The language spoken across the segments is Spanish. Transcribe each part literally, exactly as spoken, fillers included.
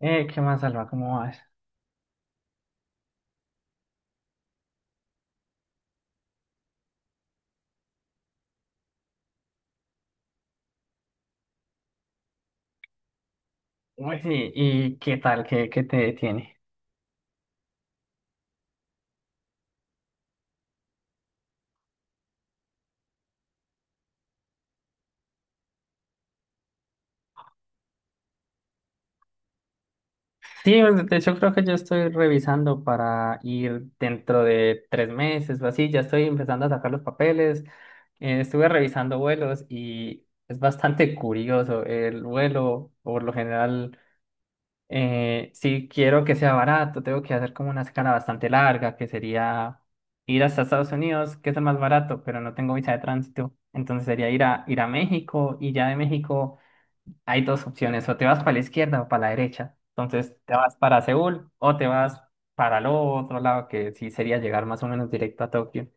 Eh, ¿qué más, Alba? ¿Cómo vas? Uy, sí, ¿y qué tal? ¿Qué, qué te detiene? Sí, pues, de hecho creo que yo estoy revisando para ir dentro de tres meses o así. Ya estoy empezando a sacar los papeles. Eh, estuve revisando vuelos y es bastante curioso. El vuelo, por lo general, eh, si quiero que sea barato, tengo que hacer como una escala bastante larga, que sería ir hasta Estados Unidos, que es el más barato, pero no tengo visa de tránsito. Entonces sería ir a, ir a México y ya de México hay dos opciones, o te vas para la izquierda o para la derecha. Entonces, te vas para Seúl o te vas para el otro lado, que sí sería llegar más o menos directo a Tokio.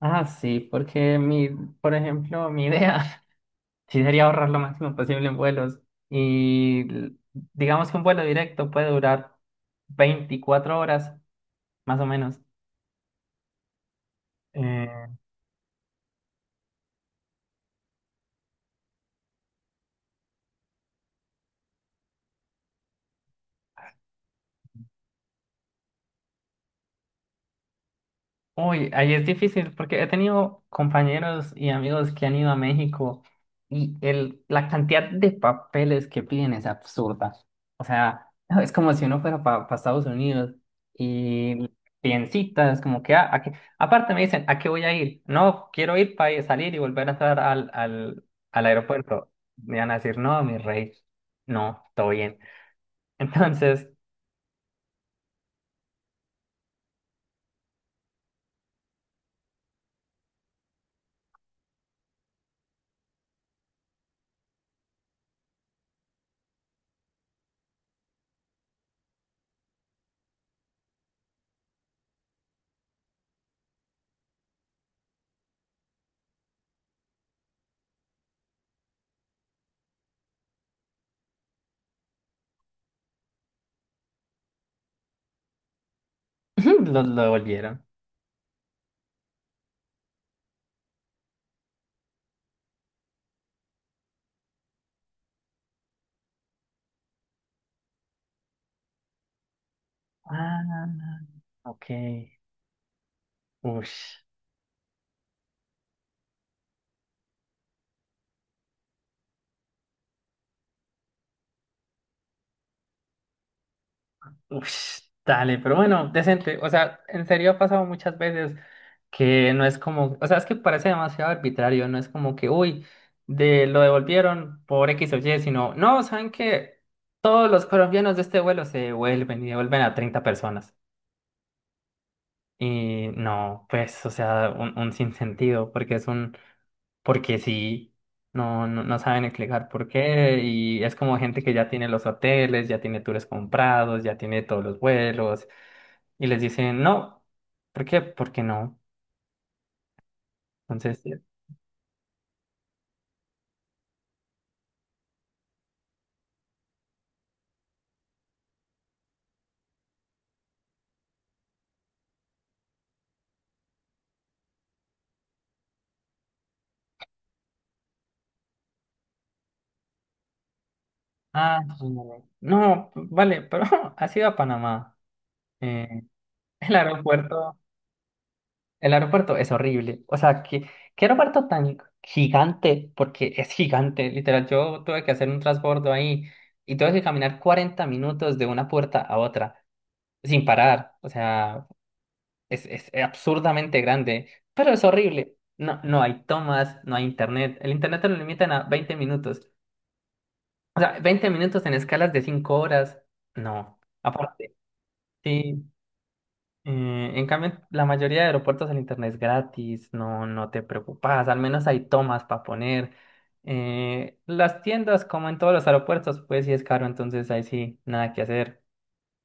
Ah, sí, porque mi, por ejemplo, mi idea sí sería ahorrar lo máximo posible en vuelos. Y l- digamos que un vuelo directo puede durar veinticuatro horas, más o menos. Eh, Uy, ahí es difícil porque he tenido compañeros y amigos que han ido a México y el, la cantidad de papeles que piden es absurda. O sea, es como si uno fuera para Estados Unidos y piden citas, como que, ah, ¿a qué? Aparte me dicen, ¿a qué voy a ir? No, quiero ir para salir y volver a entrar al, al, al aeropuerto. Me van a decir, no, mi rey, no, todo bien. Entonces, lo, lo devolvieron. Ah, ok. Ush. Ush, dale, pero bueno, decente. O sea, en serio ha pasado muchas veces que no es como, o sea, es que parece demasiado arbitrario, no es como que, uy, de lo devolvieron por X o Y, sino, no, saben que todos los colombianos de este vuelo se devuelven y devuelven a treinta personas. Y no, pues, o sea, un, un sinsentido, porque es un, porque sí, no, no, no saben explicar por qué, y es como gente que ya tiene los hoteles, ya tiene tours comprados, ya tiene todos los vuelos y les dicen no. ¿Por qué? Porque no. Entonces, eh, ah, pues, no, no, no, vale, pero has ido a Panamá. Eh, el aeropuerto, el aeropuerto es horrible. O sea, ¿qué, qué aeropuerto tan gigante? Porque es gigante, literal. Yo tuve que hacer un transbordo ahí y tuve que caminar cuarenta minutos de una puerta a otra sin parar. O sea, es, es absurdamente grande, pero es horrible. No, no hay tomas, no hay internet. El internet te lo limitan a veinte minutos. O sea, veinte minutos en escalas de cinco horas, no. Aparte, sí. Eh, en cambio, la mayoría de aeropuertos el internet es gratis, no, no te preocupas, al menos hay tomas para poner. Eh, las tiendas, como en todos los aeropuertos, pues sí es caro, entonces ahí sí, nada que hacer.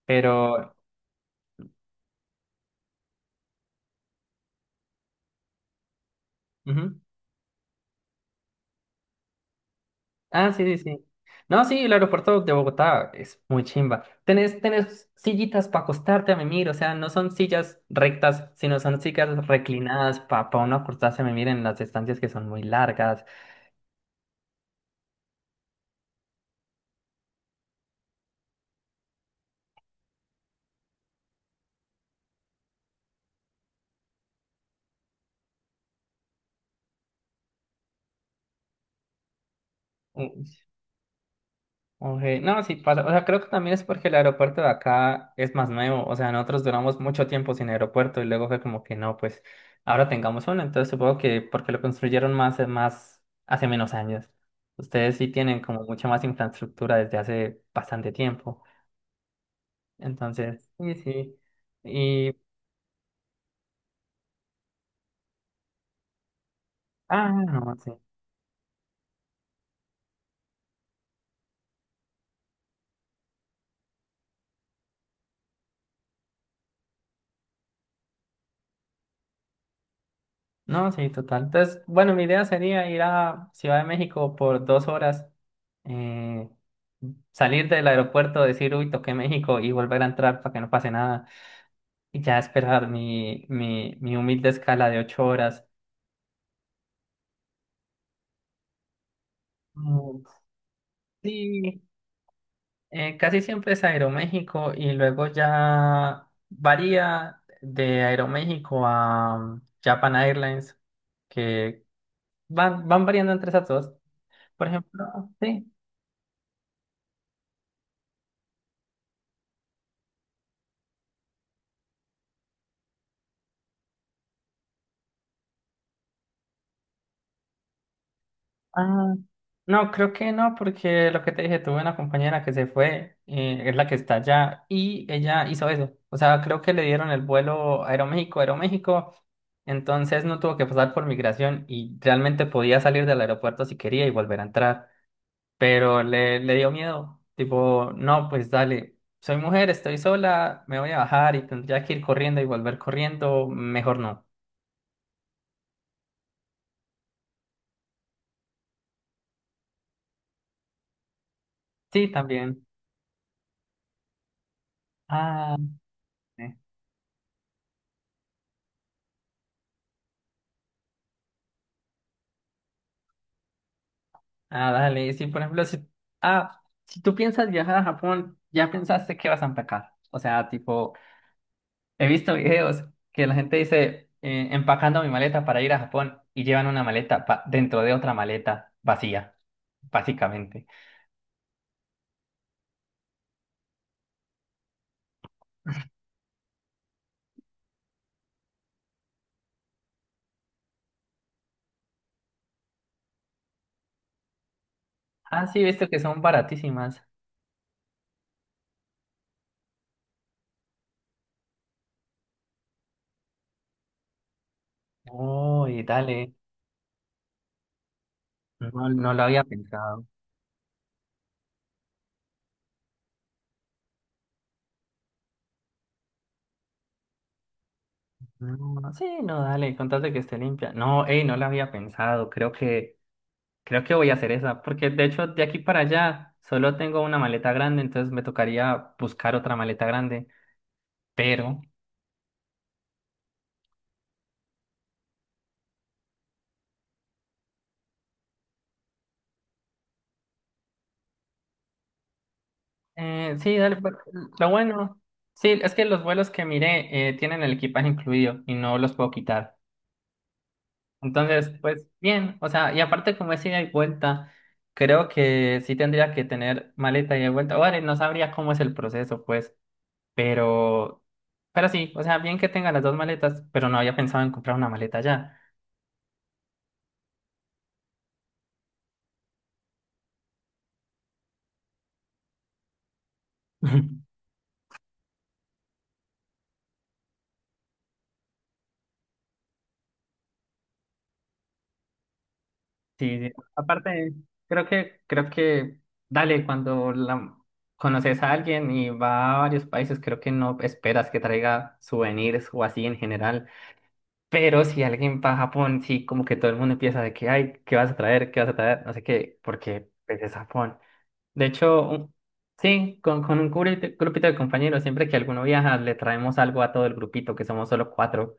Pero, ujú. Ah, sí, sí, sí. No, sí, el aeropuerto de Bogotá es muy chimba. Tenés, tenés sillitas para acostarte a mimir, o sea, no son sillas rectas, sino son sillas reclinadas para uno acostarse a mimir en las estancias que son muy largas. Ok, no, sí pasa. O sea, creo que también es porque el aeropuerto de acá es más nuevo. O sea, nosotros duramos mucho tiempo sin aeropuerto y luego fue como que no, pues ahora tengamos uno. Entonces supongo que porque lo construyeron más, más hace menos años. Ustedes sí tienen como mucha más infraestructura desde hace bastante tiempo. Entonces, sí, sí. Y, ah, no, sí. No, sí, total. Entonces, bueno, mi idea sería ir a Ciudad de México por dos horas, eh, salir del aeropuerto, decir, uy, toqué México y volver a entrar para que no pase nada y ya esperar mi, mi, mi humilde escala de ocho horas. Mm, Sí, eh, casi siempre es Aeroméxico y luego ya varía de Aeroméxico a um, Japan Airlines, que van, van variando entre esas dos. Por ejemplo, sí. Ah, no, creo que no, porque lo que te dije, tuve una compañera que se fue, eh, es la que está allá, y ella hizo eso. O sea, creo que le dieron el vuelo Aeroméxico, Aeroméxico, entonces no tuvo que pasar por migración y realmente podía salir del aeropuerto si quería y volver a entrar. Pero le, le dio miedo, tipo, no, pues dale, soy mujer, estoy sola, me voy a bajar y tendría que ir corriendo y volver corriendo, mejor no. Sí, también. Ah, sí. Ah, dale, sí, por ejemplo, si, ah, si tú piensas viajar a Japón, ya pensaste que vas a empacar. O sea, tipo, he visto videos que la gente dice, eh, empacando mi maleta para ir a Japón y llevan una maleta pa- dentro de otra maleta vacía, básicamente. Ah, sí, he visto que son baratísimas. Uy, dale, no, no lo había pensado. No, sí, no, dale, contate que esté limpia. No, ey, no lo había pensado, creo que... Creo que voy a hacer esa, porque de hecho de aquí para allá solo tengo una maleta grande, entonces me tocaría buscar otra maleta grande. Pero, eh, sí, dale, pues, lo bueno, sí, es que los vuelos que miré eh, tienen el equipaje incluido y no los puedo quitar. Entonces, pues bien, o sea, y aparte como es ida y vuelta, creo que sí tendría que tener maleta ida y vuelta. Vale, no sabría cómo es el proceso, pues, pero, pero sí, o sea, bien que tenga las dos maletas, pero no había pensado en comprar una maleta ya. Sí, sí. Aparte, creo que, creo que, dale, cuando la, conoces a alguien y va a varios países, creo que no esperas que traiga souvenirs o así en general. Pero si alguien va a Japón, sí, como que todo el mundo empieza de que, ay, ¿qué vas a traer? ¿Qué vas a traer? No sé qué, porque pues, es Japón. De hecho, un- sí, con, con un grupito, grupito de compañeros, siempre que alguno viaja, le traemos algo a todo el grupito, que somos solo cuatro.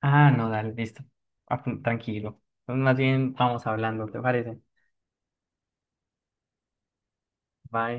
Ah, no, dale, listo. Apun- tranquilo. Entonces, más bien vamos hablando, ¿te parece? Bye.